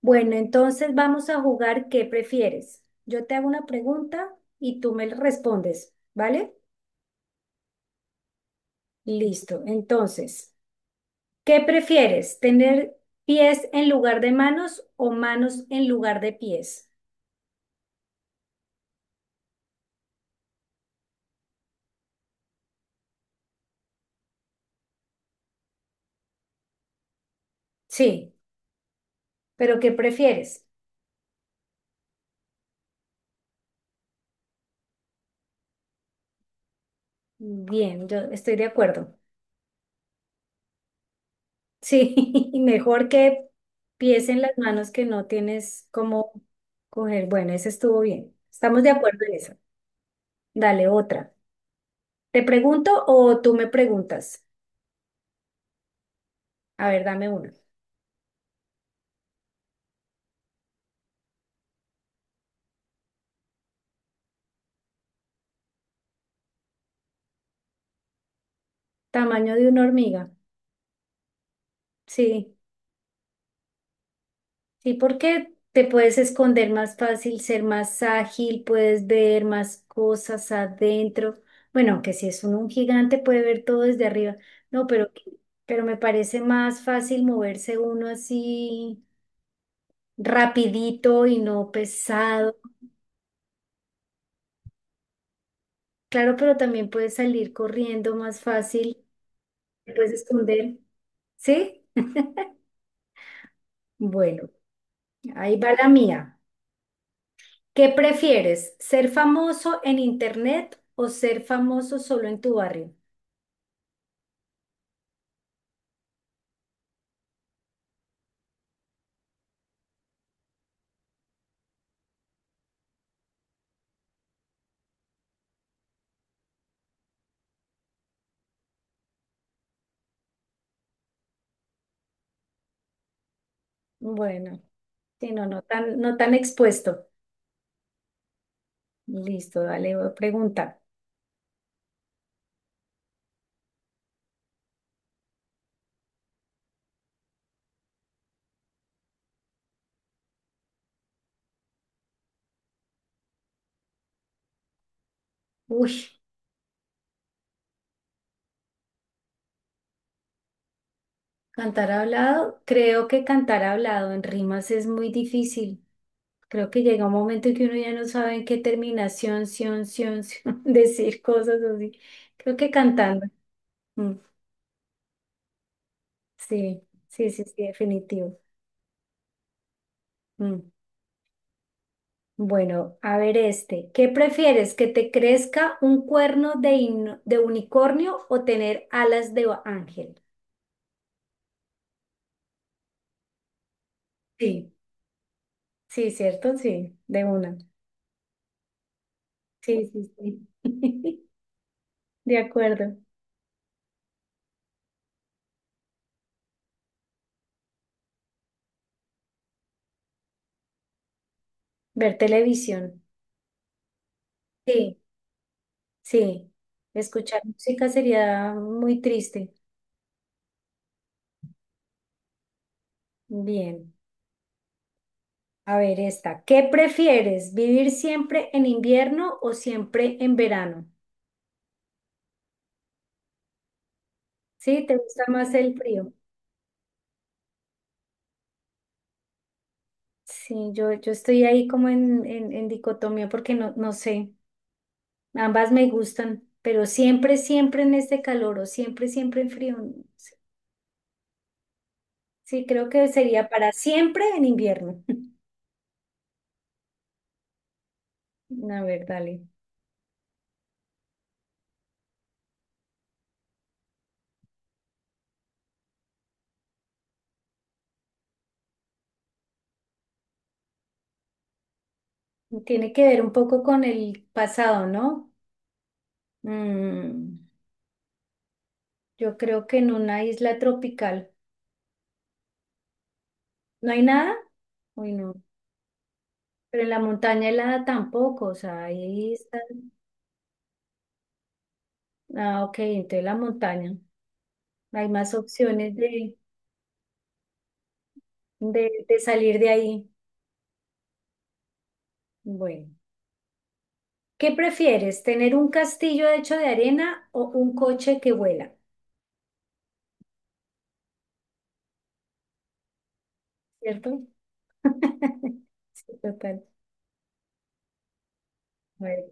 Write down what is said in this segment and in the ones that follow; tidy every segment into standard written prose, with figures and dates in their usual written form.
Bueno, entonces vamos a jugar, ¿qué prefieres? Yo te hago una pregunta y tú me respondes, ¿vale? Listo. Entonces, ¿qué prefieres? ¿Tener pies en lugar de manos o manos en lugar de pies? Sí, pero ¿qué prefieres? Bien, yo estoy de acuerdo. Sí, mejor que pies en las manos que no tienes cómo coger. Bueno, ese estuvo bien. Estamos de acuerdo en eso. Dale otra. ¿Te pregunto o tú me preguntas? A ver, dame una. Tamaño de una hormiga. Sí, sí, porque te puedes esconder más fácil, ser más ágil, puedes ver más cosas adentro. Bueno, aunque si es un gigante puede ver todo desde arriba. No, pero me parece más fácil moverse uno así rapidito y no pesado. Claro, pero también puedes salir corriendo más fácil, te puedes esconder. ¿Sí? Bueno, ahí va la mía. ¿Qué prefieres? ¿Ser famoso en internet o ser famoso solo en tu barrio? Bueno, sí, no, no tan, no tan expuesto. Listo, dale, voy a preguntar. Uy, Cantar hablado. Creo que cantar hablado en rimas es muy difícil. Creo que llega un momento en que uno ya no sabe en qué terminación, sion, sion, sion, decir cosas así. Creo que cantando. Mm, sí, sí, sí, sí, definitivo. Mm. Bueno, a ver este. ¿Qué prefieres? ¿Que te crezca un cuerno de, de unicornio o tener alas de ángel? Sí, sí, ¿cierto? Sí, de una. Sí, sí, sí. De acuerdo. Ver televisión. Sí, sí. Escuchar música sería muy triste. Bien. A ver esta. ¿Qué prefieres? ¿Vivir siempre en invierno o siempre en verano? Sí, ¿te gusta más el frío? Sí, yo estoy ahí como en dicotomía porque no, no sé, ambas me gustan, pero siempre, siempre en este calor o siempre, siempre en frío. No sé. Sí, creo que sería para siempre en invierno. A ver, dale. Tiene que ver un poco con el pasado, ¿no? Mm, yo creo que en una isla tropical no hay nada. Uy, no. Pero en la montaña helada tampoco, o sea, ahí está. Ah, ok, entonces la montaña. Hay más opciones de salir de ahí. Bueno, ¿qué prefieres? ¿Tener un castillo hecho de arena o un coche que vuela? ¿Cierto? Sí, total. A ver,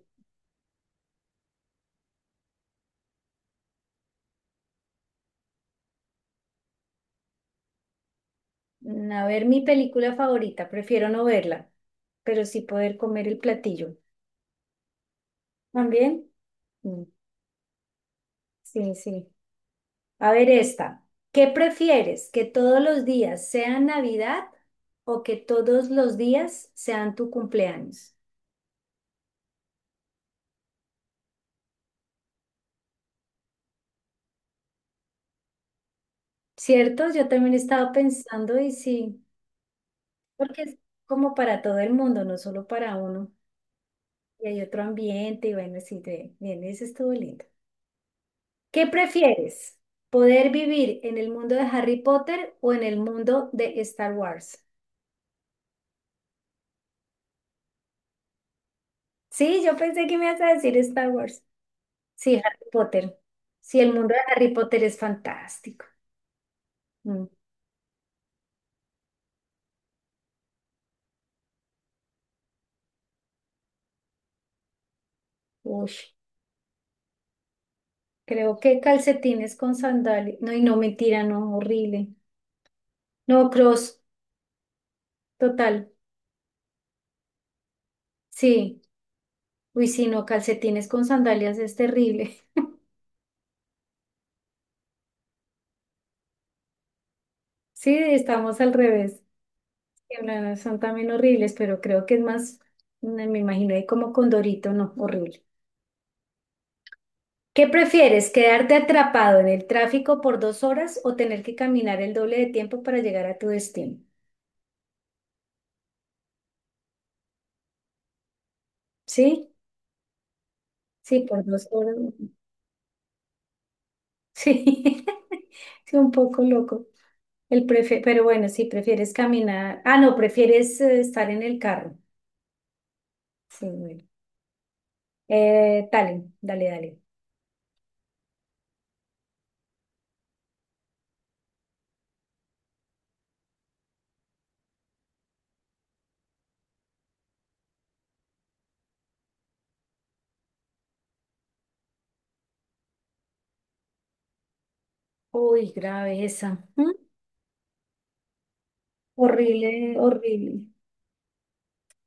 a ver, mi película favorita, prefiero no verla, pero sí poder comer el platillo. ¿También? Mm, sí, sí. A ver esta. ¿Qué prefieres? ¿Que todos los días sean Navidad o que todos los días sean tu cumpleaños? ¿Cierto? Yo también estaba pensando y sí. Porque es como para todo el mundo, no solo para uno. Y hay otro ambiente, y bueno, sí, de- bien, eso estuvo lindo. ¿Qué prefieres? ¿Poder vivir en el mundo de Harry Potter o en el mundo de Star Wars? Sí, yo pensé que me ibas a decir Star Wars. Sí, Harry Potter. Sí, el mundo de Harry Potter es fantástico. Mm, Uy, creo que calcetines con sandalias. No, y no, mentira, no, horrible. No, cross, total. Sí. Uy, sí, no, calcetines con sandalias es terrible. Sí, estamos al revés. Que no, son también horribles, pero creo que es más, me imagino ahí como Condorito, no, horrible. ¿Qué prefieres, quedarte atrapado en el tráfico por dos horas o tener que caminar el doble de tiempo para llegar a tu destino? ¿Sí? Sí, por dos horas. Sí, sí, un poco loco. El prefe- pero bueno, sí, prefieres caminar. Ah, no, prefieres estar en el carro. Sí, bueno. Dale, dale, dale. Uy, grave esa. Horrible, horrible.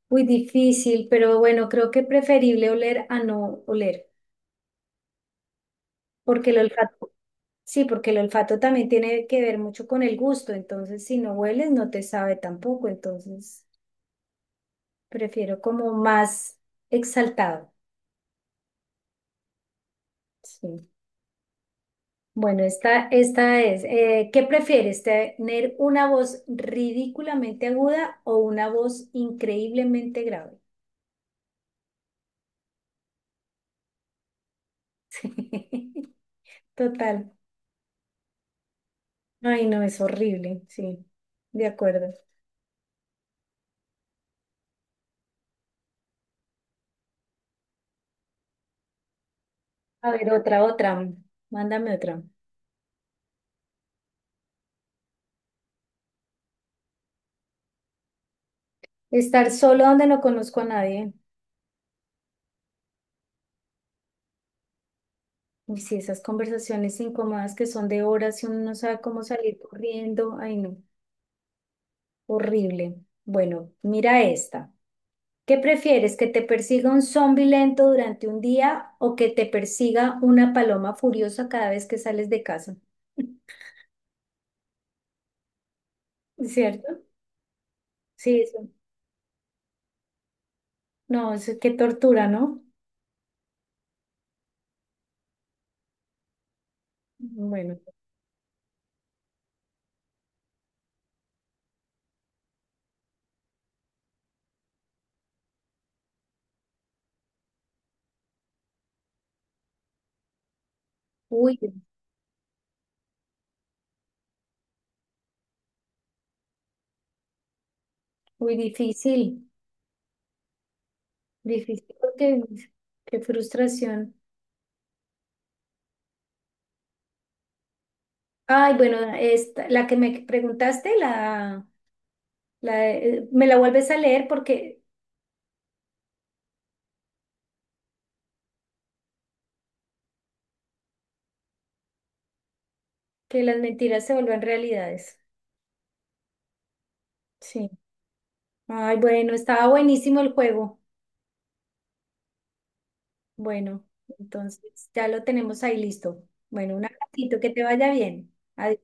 Muy difícil, pero bueno, creo que preferible oler a no oler, porque el olfato, sí, porque el olfato también tiene que ver mucho con el gusto, entonces si no hueles no te sabe tampoco, entonces prefiero como más exaltado. Sí. Bueno, esta es, ¿qué prefieres, tener una voz ridículamente aguda o una voz increíblemente grave? Total. Ay, no, es horrible, sí, de acuerdo. A ver, otra, otra, mándame otra. Estar solo donde no conozco a nadie. Uy, sí, esas conversaciones incómodas que son de horas y uno no sabe cómo salir corriendo. Ay, no, horrible. Bueno, mira esta. ¿Qué prefieres, que te persiga un zombi lento durante un día o que te persiga una paloma furiosa cada vez que sales de casa? ¿Cierto? Sí, eso. No, eso qué tortura, ¿no? Bueno. Uy, muy difícil, difícil porque qué frustración. Ay, bueno, esta, la que me preguntaste, la, me la vuelves a leer porque que las mentiras se vuelven realidades. Sí. Ay, bueno, estaba buenísimo el juego. Bueno, entonces ya lo tenemos ahí listo. Bueno, un abracito, que te vaya bien. Adiós.